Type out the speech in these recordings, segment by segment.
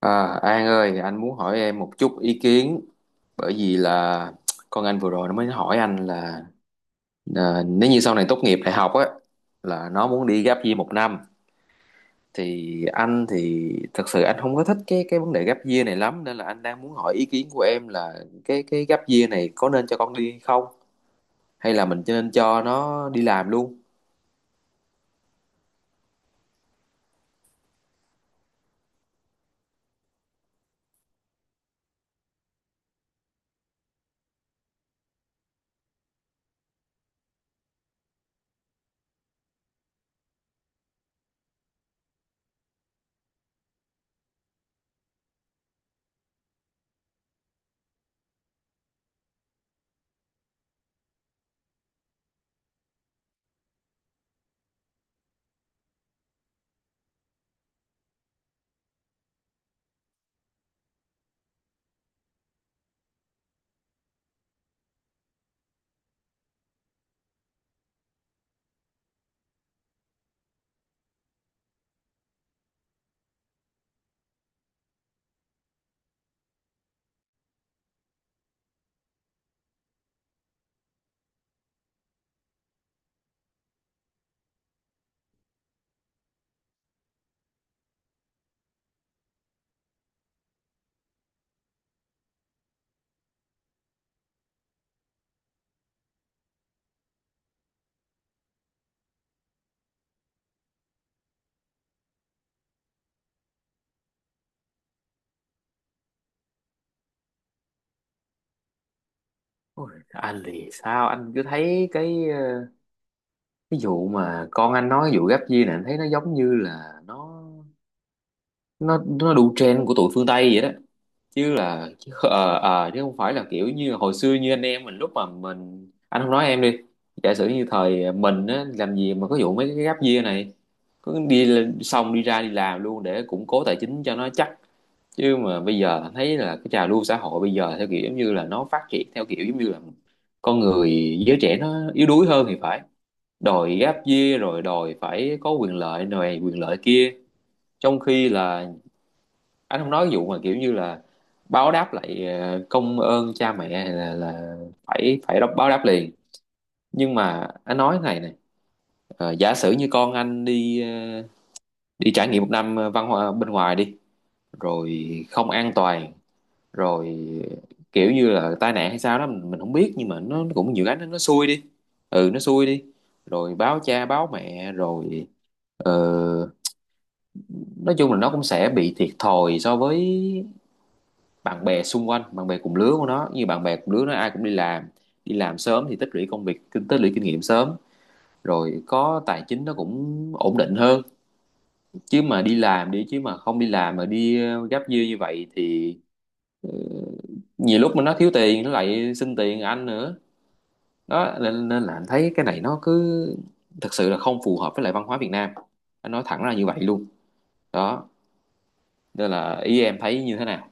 À, An ơi, anh muốn hỏi em một chút ý kiến bởi vì là con anh vừa rồi nó mới hỏi anh là nếu như sau này tốt nghiệp đại học á là nó muốn đi gap year một năm. Thì anh thì thật sự anh không có thích cái vấn đề gap year này lắm nên là anh đang muốn hỏi ý kiến của em là cái gap year này có nên cho con đi không, hay là mình nên cho nó đi làm luôn? Ôi, anh thì sao anh cứ thấy cái vụ mà con anh nói cái vụ gap year này anh thấy nó giống như là nó đủ trend của tụi phương Tây vậy đó, chứ là chứ, ờ, ờ, ờ, chứ không phải là kiểu như hồi xưa như anh em mình lúc mà mình anh không nói em đi. Giả sử như thời mình á làm gì mà có vụ mấy cái gap year này, có xong đi ra đi làm luôn để củng cố tài chính cho nó chắc. Chứ mà bây giờ anh thấy là cái trào lưu xã hội bây giờ theo kiểu giống như là nó phát triển theo kiểu giống như là con người, giới trẻ nó yếu đuối hơn thì phải, đòi gap year rồi đòi phải có quyền lợi này quyền lợi kia, trong khi là anh không nói cái vụ mà kiểu như là báo đáp lại công ơn cha mẹ hay là phải phải báo đáp liền, nhưng mà anh nói cái này này. Giả sử như con anh đi đi trải nghiệm một năm văn hóa bên ngoài đi rồi không an toàn rồi kiểu như là tai nạn hay sao đó mình không biết, nhưng mà nó cũng nhiều cái, nó xui đi, ừ nó xui đi rồi báo cha báo mẹ rồi. ờ, nói chung là nó cũng sẽ bị thiệt thòi so với bạn bè xung quanh, bạn bè cùng lứa của nó, như bạn bè cùng lứa nó ai cũng đi làm, đi làm sớm thì tích lũy công việc, tích lũy kinh nghiệm sớm, rồi có tài chính nó cũng ổn định hơn. Chứ mà đi làm đi, chứ mà không đi làm mà đi gắp dưa như vậy thì nhiều lúc mà nó thiếu tiền nó lại xin tiền anh nữa. Đó nên là anh thấy cái này nó cứ thật sự là không phù hợp với lại văn hóa Việt Nam, anh nói thẳng ra như vậy luôn đó. Nên là ý em thấy như thế nào?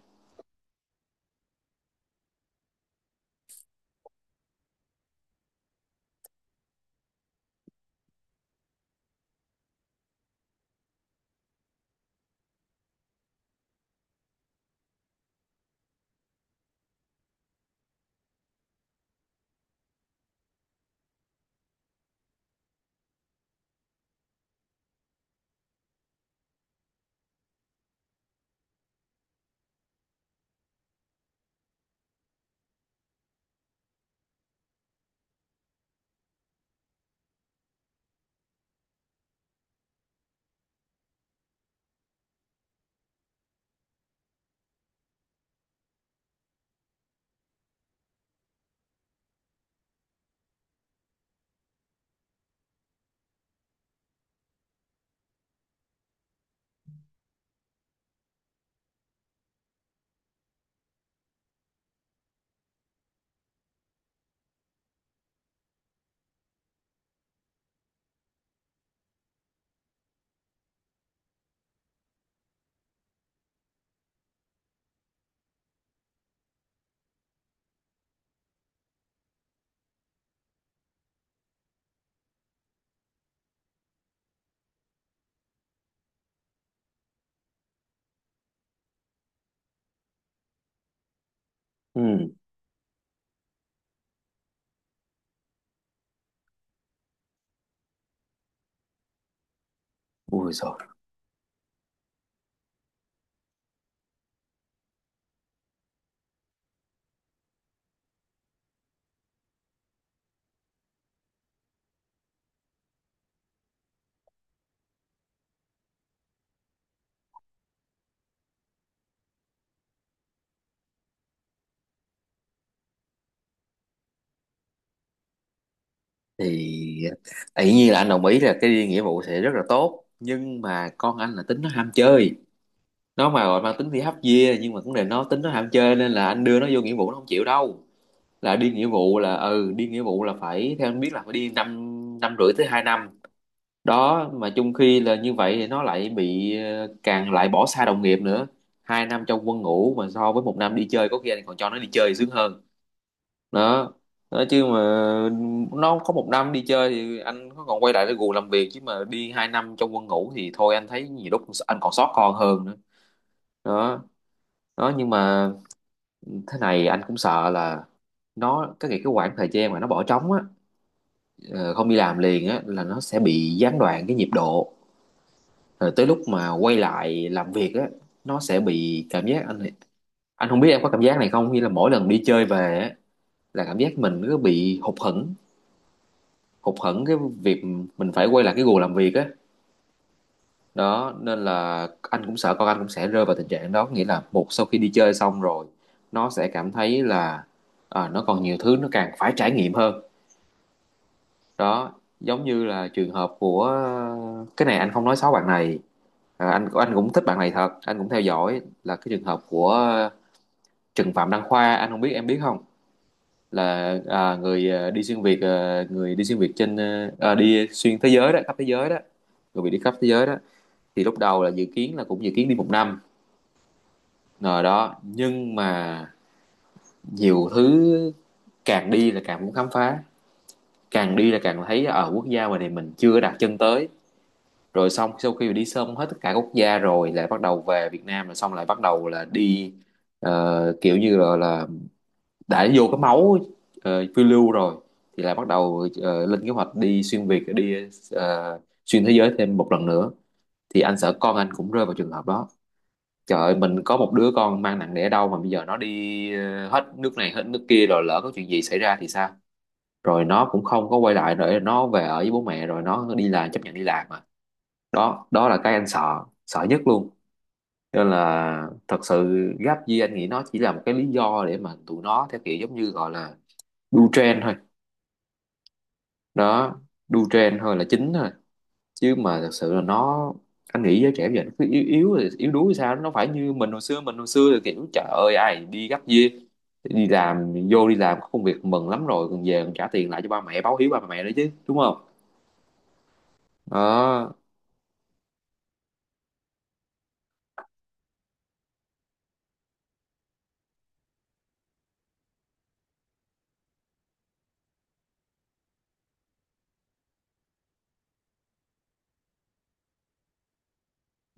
Ừ. Ui giời. Thì tự nhiên là anh đồng ý là cái đi nghĩa vụ sẽ rất là tốt, nhưng mà con anh là tính nó ham chơi, nó mà gọi mang tính đi hấp dìa, nhưng mà cũng là nó tính nó ham chơi nên là anh đưa nó vô nghĩa vụ nó không chịu đâu. Là đi nghĩa vụ là, ừ, đi nghĩa vụ là phải theo anh biết là phải đi năm năm rưỡi tới 2 năm, đó mà chung khi là như vậy thì nó lại bị càng lại bỏ xa đồng nghiệp nữa. 2 năm trong quân ngũ mà so với một năm đi chơi có khi anh còn cho nó đi chơi sướng hơn đó. Đó chứ mà nó có một năm đi chơi thì anh có còn quay lại để gù làm việc, chứ mà đi 2 năm trong quân ngũ thì thôi anh thấy nhiều lúc anh còn sót con hơn nữa. Đó. Đó nhưng mà thế này, anh cũng sợ là nó cái khoảng thời gian mà nó bỏ trống á, ờ, không đi làm liền á là nó sẽ bị gián đoạn cái nhịp độ, rồi tới lúc mà quay lại làm việc á nó sẽ bị cảm giác, anh không biết em có cảm giác này không, như là mỗi lần đi chơi về á là cảm giác mình cứ bị hụt hẫng, hụt hẫng cái việc mình phải quay lại cái guồng làm việc á. Đó nên là anh cũng sợ con anh cũng sẽ rơi vào tình trạng đó, nghĩa là một sau khi đi chơi xong rồi nó sẽ cảm thấy là nó còn nhiều thứ nó càng phải trải nghiệm hơn. Đó, giống như là trường hợp của, cái này anh không nói xấu bạn này, anh cũng thích bạn này thật, anh cũng theo dõi là cái trường hợp của Trần Phạm Đăng Khoa, anh không biết em biết không. Là người đi xuyên Việt, người đi xuyên Việt trên đi xuyên thế giới đó, khắp thế giới đó, người bị đi khắp thế giới đó, thì lúc đầu là dự kiến là cũng dự kiến đi một năm rồi đó. Nhưng mà nhiều thứ, càng đi là càng muốn khám phá, càng đi là càng thấy ở quốc gia ngoài này mình chưa đặt chân tới, rồi xong sau khi đi xong hết tất cả quốc gia rồi lại bắt đầu về Việt Nam, rồi xong lại bắt đầu là đi kiểu như là đã vô cái máu phiêu lưu rồi, thì lại bắt đầu lên kế hoạch đi xuyên Việt đi, ờ, xuyên thế giới thêm một lần nữa. Thì anh sợ con anh cũng rơi vào trường hợp đó. Trời ơi, mình có một đứa con mang nặng đẻ đau mà bây giờ nó đi hết nước này hết nước kia, rồi lỡ có chuyện gì xảy ra thì sao? Rồi nó cũng không có quay lại, rồi nó về ở với bố mẹ rồi nó đi làm, chấp nhận đi làm mà. Đó, đó là cái anh sợ, sợ nhất luôn. Nên là thật sự gap year anh nghĩ nó chỉ là một cái lý do để mà tụi nó theo kiểu giống như gọi là đu trend thôi. Đó, đu trend thôi là chính thôi. Chứ mà thật sự là nó, anh nghĩ giới trẻ bây giờ nó cứ yếu yếu yếu đuối sao, nó phải như mình hồi xưa, mình hồi xưa là kiểu trời ơi ai đi gấp year, đi làm vô, đi làm có công việc mừng lắm rồi, còn về còn trả tiền lại cho ba mẹ, báo hiếu ba mẹ nữa chứ, đúng không? Đó.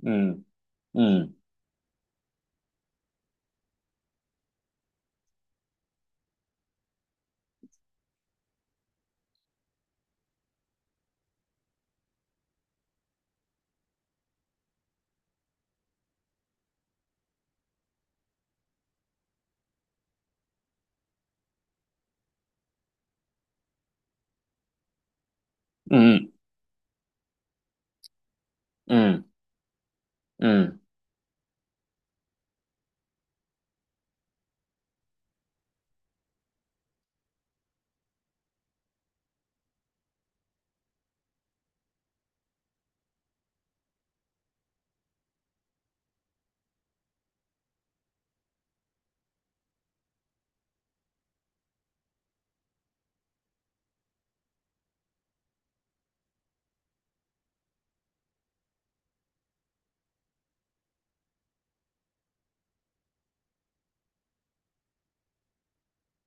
Ừ, ừ, ừ, ừ, ừ.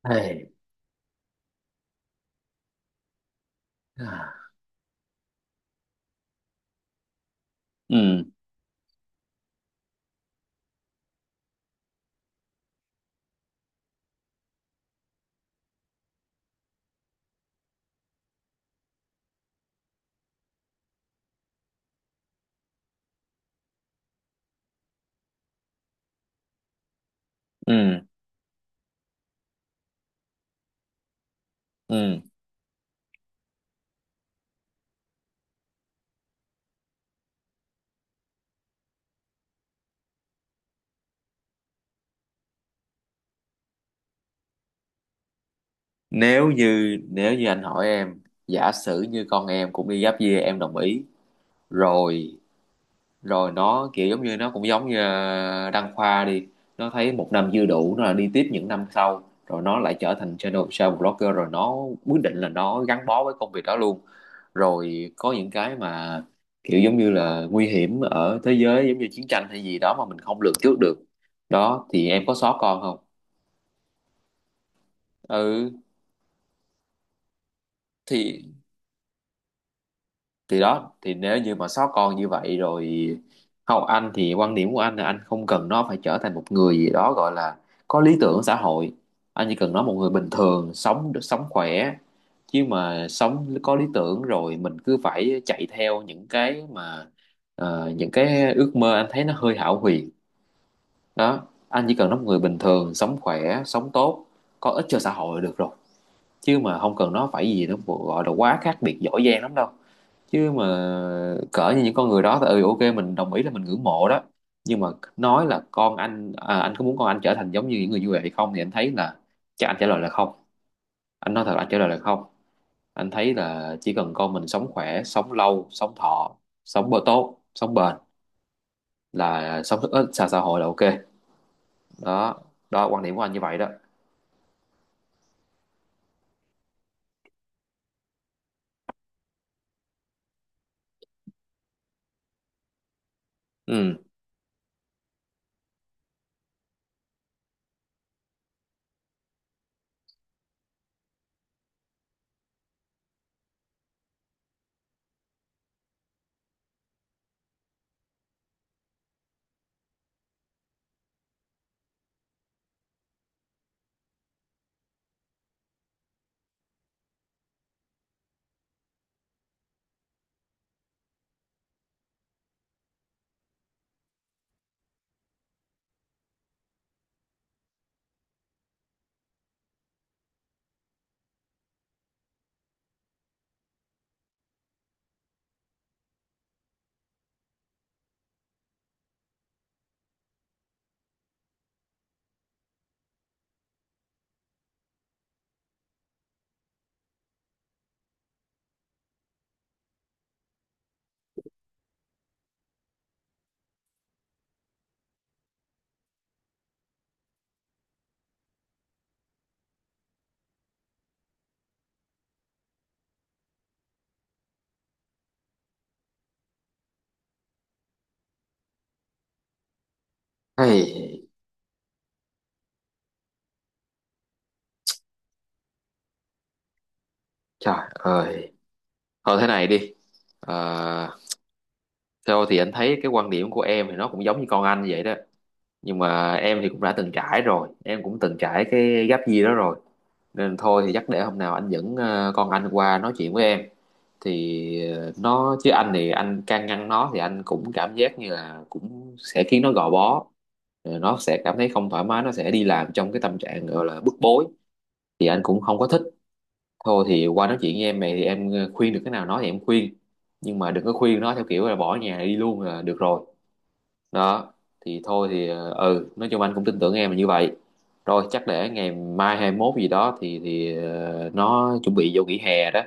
Hey. Ừ, ừ, ừ. Nếu như anh hỏi em, giả sử như con em cũng đi giáp kia em đồng ý, rồi rồi nó kiểu giống như, nó cũng giống như Đăng Khoa đi, nó thấy một năm dư đủ nó là đi tiếp những năm sau, rồi nó lại trở thành channel travel blogger, rồi nó quyết định là nó gắn bó với công việc đó luôn, rồi có những cái mà kiểu giống như là nguy hiểm ở thế giới, giống như chiến tranh hay gì đó mà mình không lường trước được, đó thì em có sót con không? Ừ. thì thì đó, thì nếu như mà sót con như vậy rồi, không, anh thì quan điểm của anh là anh không cần nó phải trở thành một người gì đó gọi là có lý tưởng xã hội, anh chỉ cần nó một người bình thường sống sống khỏe. Chứ mà sống có lý tưởng rồi mình cứ phải chạy theo những cái mà những cái ước mơ anh thấy nó hơi hão huyền. Đó, anh chỉ cần nó một người bình thường, sống khỏe sống tốt, có ích cho xã hội là được rồi, chứ mà không cần nó phải gì, nó gọi là quá khác biệt giỏi giang lắm đâu. Chứ mà cỡ như những con người đó thì, ừ, ok mình đồng ý là mình ngưỡng mộ đó, nhưng mà nói là con anh, anh có muốn con anh trở thành giống như những người như vậy hay không, thì anh thấy là chắc anh trả lời là không. Anh nói thật là anh trả lời là không. Anh thấy là chỉ cần con mình sống khỏe sống lâu sống thọ, sống bơ tốt sống bền, là sống rất ít xa xã hội là ok. Đó, đó quan điểm của anh như vậy đó. Ừ. Hey, trời ơi. Thôi thế này đi. Ờ, theo thì anh thấy cái quan điểm của em thì nó cũng giống như con anh vậy đó, nhưng mà em thì cũng đã từng trải rồi, em cũng từng trải cái gap year đó rồi, nên thôi thì chắc để hôm nào anh dẫn con anh qua nói chuyện với em, thì nó, chứ anh thì anh can ngăn nó thì anh cũng cảm giác như là cũng sẽ khiến nó gò bó. Rồi nó sẽ cảm thấy không thoải mái, nó sẽ đi làm trong cái tâm trạng gọi là bức bối, thì anh cũng không có thích. Thôi thì qua nói chuyện với em này thì em khuyên được cái nào nói thì em khuyên, nhưng mà đừng có khuyên nó theo kiểu là bỏ nhà đi luôn là được rồi. Đó thì thôi thì ừ, nói chung anh cũng tin tưởng em là như vậy, rồi chắc để ngày mai 21 gì đó thì nó chuẩn bị vô nghỉ hè đó.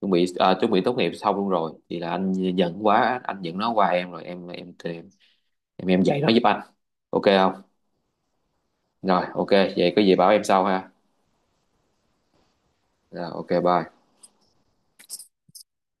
Chuẩn bị chuẩn bị tốt nghiệp xong luôn rồi, thì là anh giận quá, anh giận nó qua em rồi, em dạy nó giúp anh, ok không? Rồi ok vậy có gì bảo em sau ha. Rồi ok bye.